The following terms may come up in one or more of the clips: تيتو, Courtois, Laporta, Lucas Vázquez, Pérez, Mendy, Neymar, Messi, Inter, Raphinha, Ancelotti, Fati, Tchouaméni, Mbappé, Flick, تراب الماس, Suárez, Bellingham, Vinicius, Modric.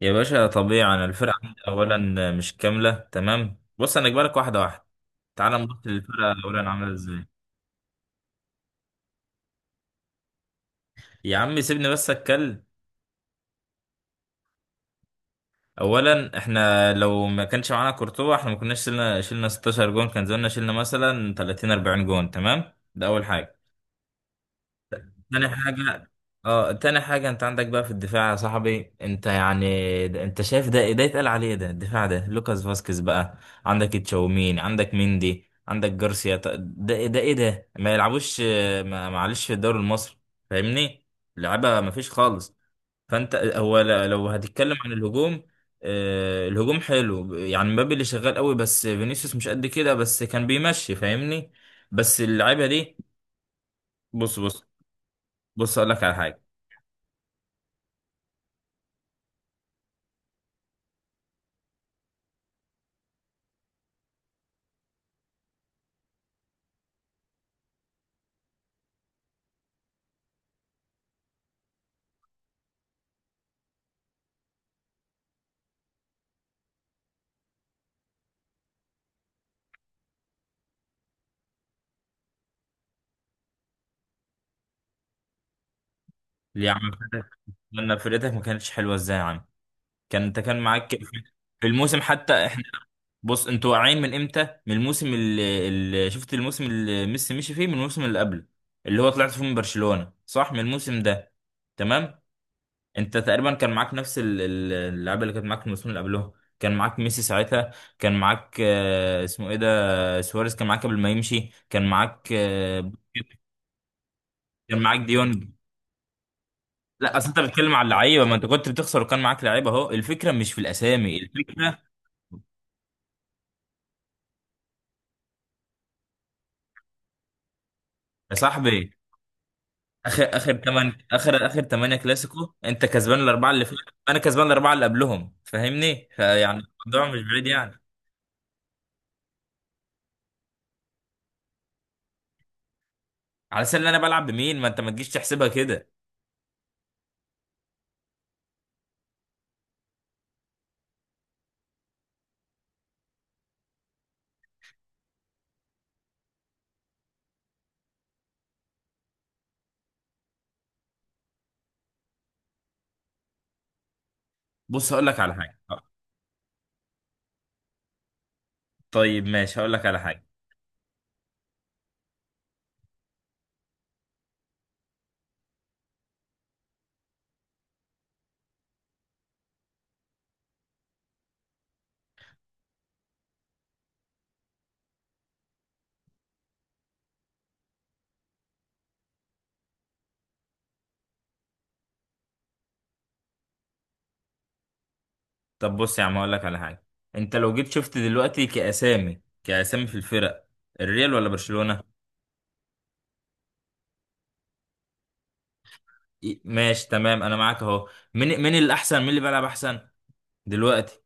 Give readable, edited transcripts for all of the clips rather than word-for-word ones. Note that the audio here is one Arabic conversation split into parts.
يا باشا، طبيعي. انا الفرقة عندي اولا مش كاملة. تمام، بص انا اجبارك واحدة واحدة. تعال نبص للفرقة اولا عاملة ازاي. يا عم سيبني بس اتكلم. اولا احنا لو ما كانش معانا كورتوا احنا ما كناش شلنا 16 جون، كان زماننا شلنا مثلا 30 40 جون. تمام، ده اول حاجة. تاني حاجة اه تاني حاجة، انت عندك بقى في الدفاع يا صاحبي. انت يعني انت شايف ده إيه؟ ده يتقال عليه ده الدفاع؟ ده لوكاس فاسكيز بقى. عندك تشاوميني، عندك مندي، عندك جارسيا، ده إيه؟ ده ايه ده؟ ما يلعبوش، معلش، في الدوري المصري فاهمني، لعبة ما فيش خالص. فانت هو لو هتتكلم عن الهجوم، الهجوم حلو. يعني مبابي اللي شغال قوي، بس فينيسيوس مش قد كده، بس كان بيمشي فاهمني. بس اللعيبة دي. بص بص، بص اقول لك على حاجة. ليه يا عم فاتك نفرتك ما كانتش حلوه ازاي يا عم؟ كان انت كان معاك في الموسم حتى احنا. بص انتوا واقعين من امتى؟ من الموسم اللي شفت، الموسم اللي ميسي مشي فيه، من الموسم اللي قبله، اللي هو طلعت فيه من برشلونه، صح؟ من الموسم ده تمام. انت تقريبا كان معاك نفس اللعيبه اللي كانت معاك الموسم اللي قبله. كان معاك ميسي ساعتها. كان معاك، اسمه ايه ده، سواريز، كان معاك قبل ما يمشي. كان معاك، كان معاك ديونج. لا اصل انت بتتكلم على اللعيبه، ما انت كنت بتخسر وكان معاك لعيبه اهو. الفكره مش في الاسامي، الفكره يا صاحبي. اخر اخر تمانية كلاسيكو انت كسبان الاربعه اللي فاتوا. انا كسبان الاربعه اللي قبلهم فاهمني، فيعني الموضوع مش بعيد يعني. على سبيل انا بلعب بمين؟ ما انت ما تجيش تحسبها كده. بص هقول لك على حاجه. طيب ماشي هقول لك على حاجه. طب بص يا عم هقول لك على حاجه. انت لو جيت شفت دلوقتي كاسامي في الفرق، الريال ولا برشلونه؟ إيه، ماشي تمام، انا معاك اهو. مين مين الاحسن؟ مين اللي بيلعب احسن دلوقتي؟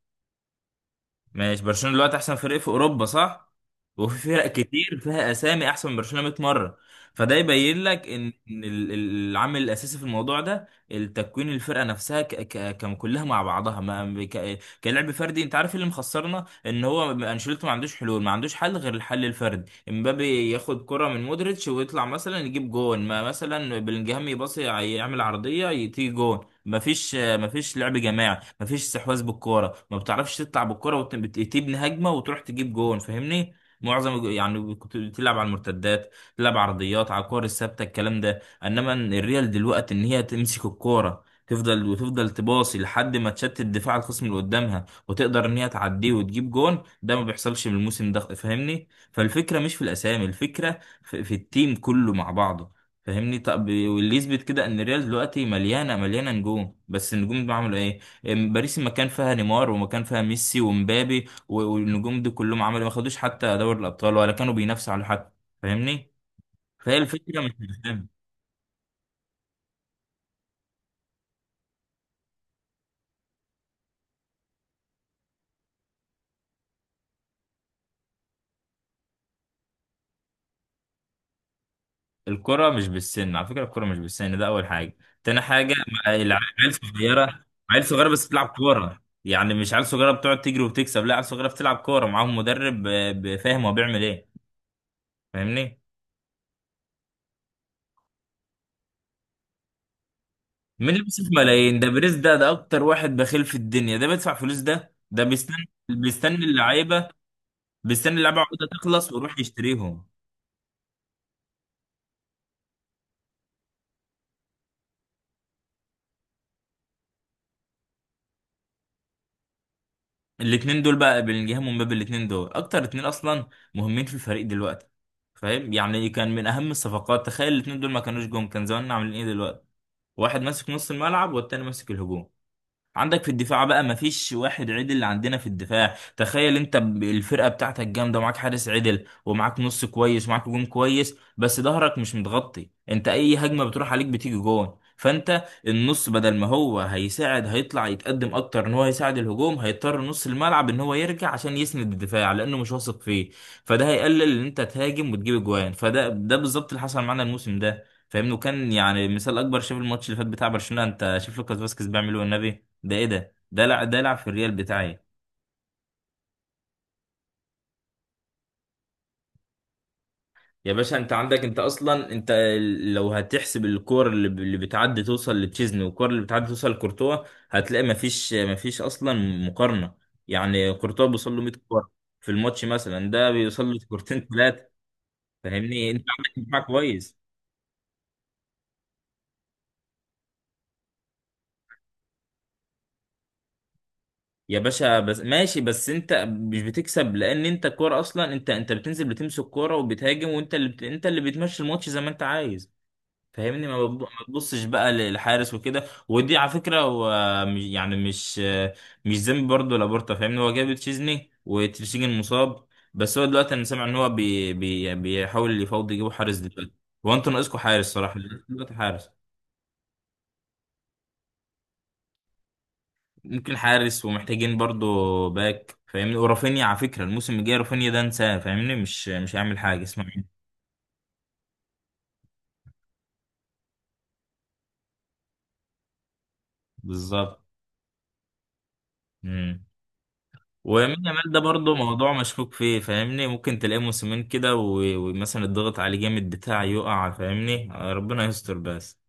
ماشي، برشلونة دلوقتي احسن فريق في اوروبا، صح؟ وفي فرق كتير فيها اسامي احسن من برشلونة 100 مرة. فده يبين لك ان العامل الاساسي في الموضوع ده التكوين، الفرقة نفسها كلها مع بعضها، ما كلعب فردي. انت عارف إيه اللي مخسرنا؟ ان هو انشيلوتي ما عندوش حلول، ما عندوش حل غير الحل الفردي. امبابي ياخد كرة من مودريتش ويطلع مثلا يجيب جون، ما مثلا بلينجهام يباصي يعمل عرضية تيجي جون. مفيش لعب جماعي، مفيش استحواذ بالكوره. ما بتعرفش تطلع بالكوره وتبني هجمه وتروح تجيب جون فاهمني. معظم يعني كنت بتلعب على المرتدات، تلعب عرضيات على الكور الثابته الكلام ده. انما الريال دلوقتي ان هي تمسك الكوره، تفضل وتفضل تباصي لحد ما تشتت دفاع الخصم اللي قدامها وتقدر ان هي تعديه وتجيب جون. ده ما بيحصلش من الموسم ده فاهمني. فالفكره مش في الاسامي، الفكره في التيم كله مع بعضه فاهمني. طب واللي يثبت كده ان الريال دلوقتي مليانه مليانه نجوم، بس النجوم دول عملوا ايه؟ باريس ما كان فيها نيمار، وما كان فيها ميسي ومبابي، والنجوم دي كلهم عملوا، ما خدوش حتى دوري الابطال ولا كانوا بينافسوا على حد فاهمني. فهي الفكره مش بالسن. الكره مش بالسن على فكره، الكره مش بالسن، ده اول حاجه. تاني حاجه، مع العيال صغيره، عيال صغيره بس بتلعب كوره. يعني مش عيال صغيره بتقعد تجري وتكسب، لا عيال صغيره بتلعب كوره، معاهم مدرب فاهم هو بيعمل ايه فاهمني. مين اللي بيصرف ملايين؟ ده بريز، ده اكتر واحد بخيل في الدنيا، ده بيدفع فلوس، ده بيستنى اللعيبه، بيستني اللعبة عقودها تخلص ويروح يشتريهم. الاتنين دول بقى بلينجهام ومبابي، الاتنين دول اكتر اتنين اصلا مهمين في الفريق دلوقتي. فاهم، يعني كان من اهم الصفقات. تخيل الاتنين دول ما كانوش جم، كان زماننا عاملين ايه دلوقتي؟ واحد ماسك نص الملعب والتاني ماسك الهجوم. عندك في الدفاع بقى مفيش واحد عدل عندنا في الدفاع. تخيل انت، الفرقة بتاعتك جامدة ومعاك حارس عدل ومعاك نص كويس ومعاك هجوم كويس، بس ظهرك مش متغطي، انت اي هجمة بتروح عليك بتيجي جون. فانت النص بدل ما هو هيساعد هيطلع يتقدم اكتر ان هو يساعد الهجوم، هيضطر نص الملعب ان هو يرجع عشان يسند الدفاع لانه مش واثق فيه. فده هيقلل ان انت تهاجم وتجيب اجوان. فده بالظبط اللي حصل معانا الموسم ده فاهمني. وكان يعني مثال اكبر، شايف الماتش اللي فات بتاع برشلونة؟ انت شايف لوكاس فاسكيز بيعمل ايه والنبي. ده ايه ده؟ ده لعب في الريال بتاعي؟ يا باشا، انت عندك انت اصلا انت ال- لو هتحسب الكور اللي بتعدي توصل لتشيزني والكور اللي بتعدي توصل لكورتوا، هتلاقي مفيش، اصلا مقارنة. يعني كورتوا بيوصل له 100 كورة في الماتش مثلا، ده بيوصل له كورتين ثلاثة فاهمني. انت عندك دفاع كويس. يا باشا بس ماشي، بس انت مش بتكسب لان انت الكوره اصلا، انت بتنزل بتمسك كوره وبتهاجم، وانت اللي بت... انت اللي بتمشي الماتش زي ما انت عايز فاهمني. ما تبصش بقى للحارس وكده. ودي على فكره، هو مش- يعني مش ذنب برضه لابورتا فاهمني. هو جاب تشيزني وتشيزني مصاب. بس هو دلوقتي انا سامع ان هو بي بي بيحاول يفاوض يجيبوا حارس دلوقتي. هو انتوا ناقصكم حارس صراحه دلوقتي، حارس. ممكن حارس ومحتاجين برضه باك فاهمني. ورافينيا، على فكره الموسم الجاي رافينيا ده انساه فاهمني، مش هيعمل حاجه، اسمع مني. بالظبط. مم. ويمين يامال ده برضه موضوع مشكوك فيه فاهمني، ممكن تلاقيه موسمين كده، ومثلا الضغط عليه جامد بتاع يقع فاهمني، ربنا يستر بس.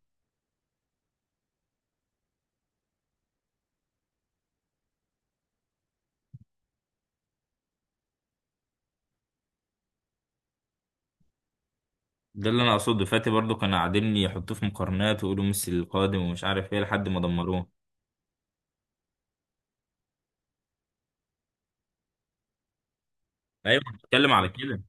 ده اللي انا اقصده، فاتي برضه كانوا قاعدين يحطوه في مقارنات ويقولوا ميسي القادم ومش عارف ايه لحد ما دمروه. ايوه بتكلم على كده.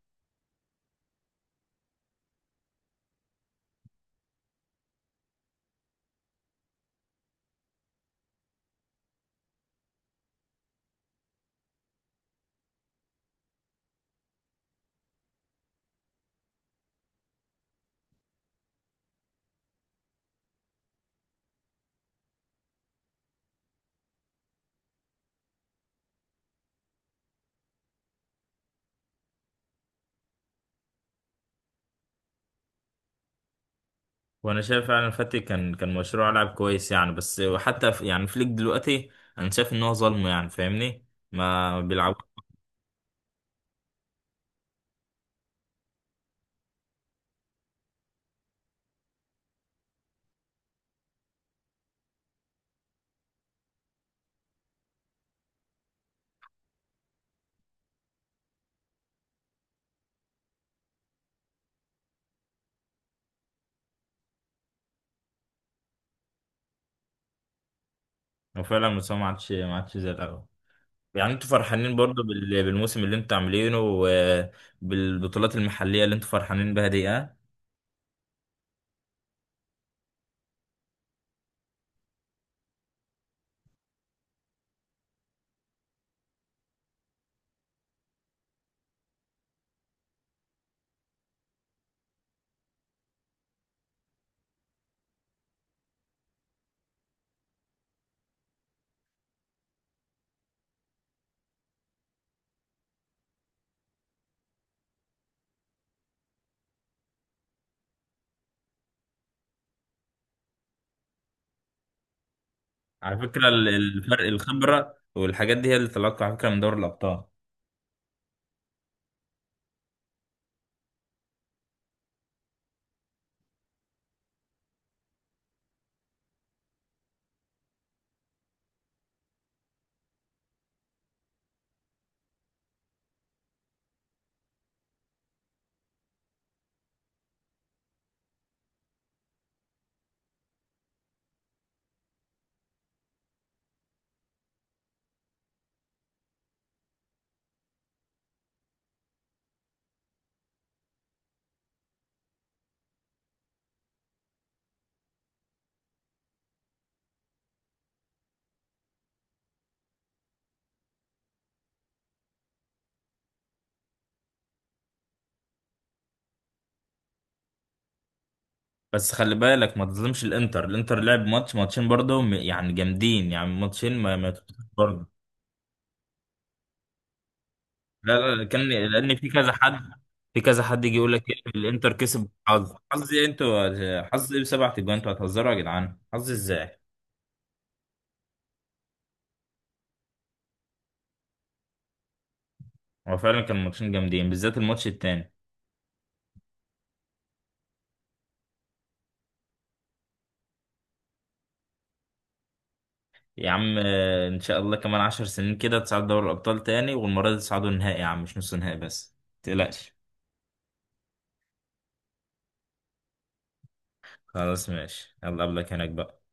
وانا شايف فعلا فاتي كان مشروع لاعب كويس يعني، بس حتى في يعني فليك دلوقتي انا شايف ان هو ظلمه يعني فاهمني، ما بيلعب. هو فعلا مستواه ما عادش زي الاول. يعني انتوا فرحانين برضو بالموسم اللي انتوا عاملينه وبالبطولات المحلية اللي انتوا فرحانين بها دي؟ اه. على فكرة الفرق الخبرة والحاجات دي هي اللي طلعت على فكرة من دوري الأبطال. بس خلي بالك ما تظلمش الانتر لعب ماتشين برضو، يعني جامدين يعني، ماتشين ما يتفوتوش برضو. لا لا لا، كان لأن في كذا حد. في كذا حد يجي يقول لك، الانتر كسب حظ. حظ ايه انتوا؟ حظ ايه بسبعة اجوان؟ انتوا هتهزروا يا جدعان؟ حظ ازاي؟ هو فعلا كان ماتشين جامدين بالذات الماتش التاني. يا عم، ان شاء الله كمان 10 سنين كده تصعد دوري الابطال تاني، والمره دي تصعدوا النهائي يا عم مش نص نهائي بس، متقلقش. خلاص ماشي، يلا قبلك هناك بقى.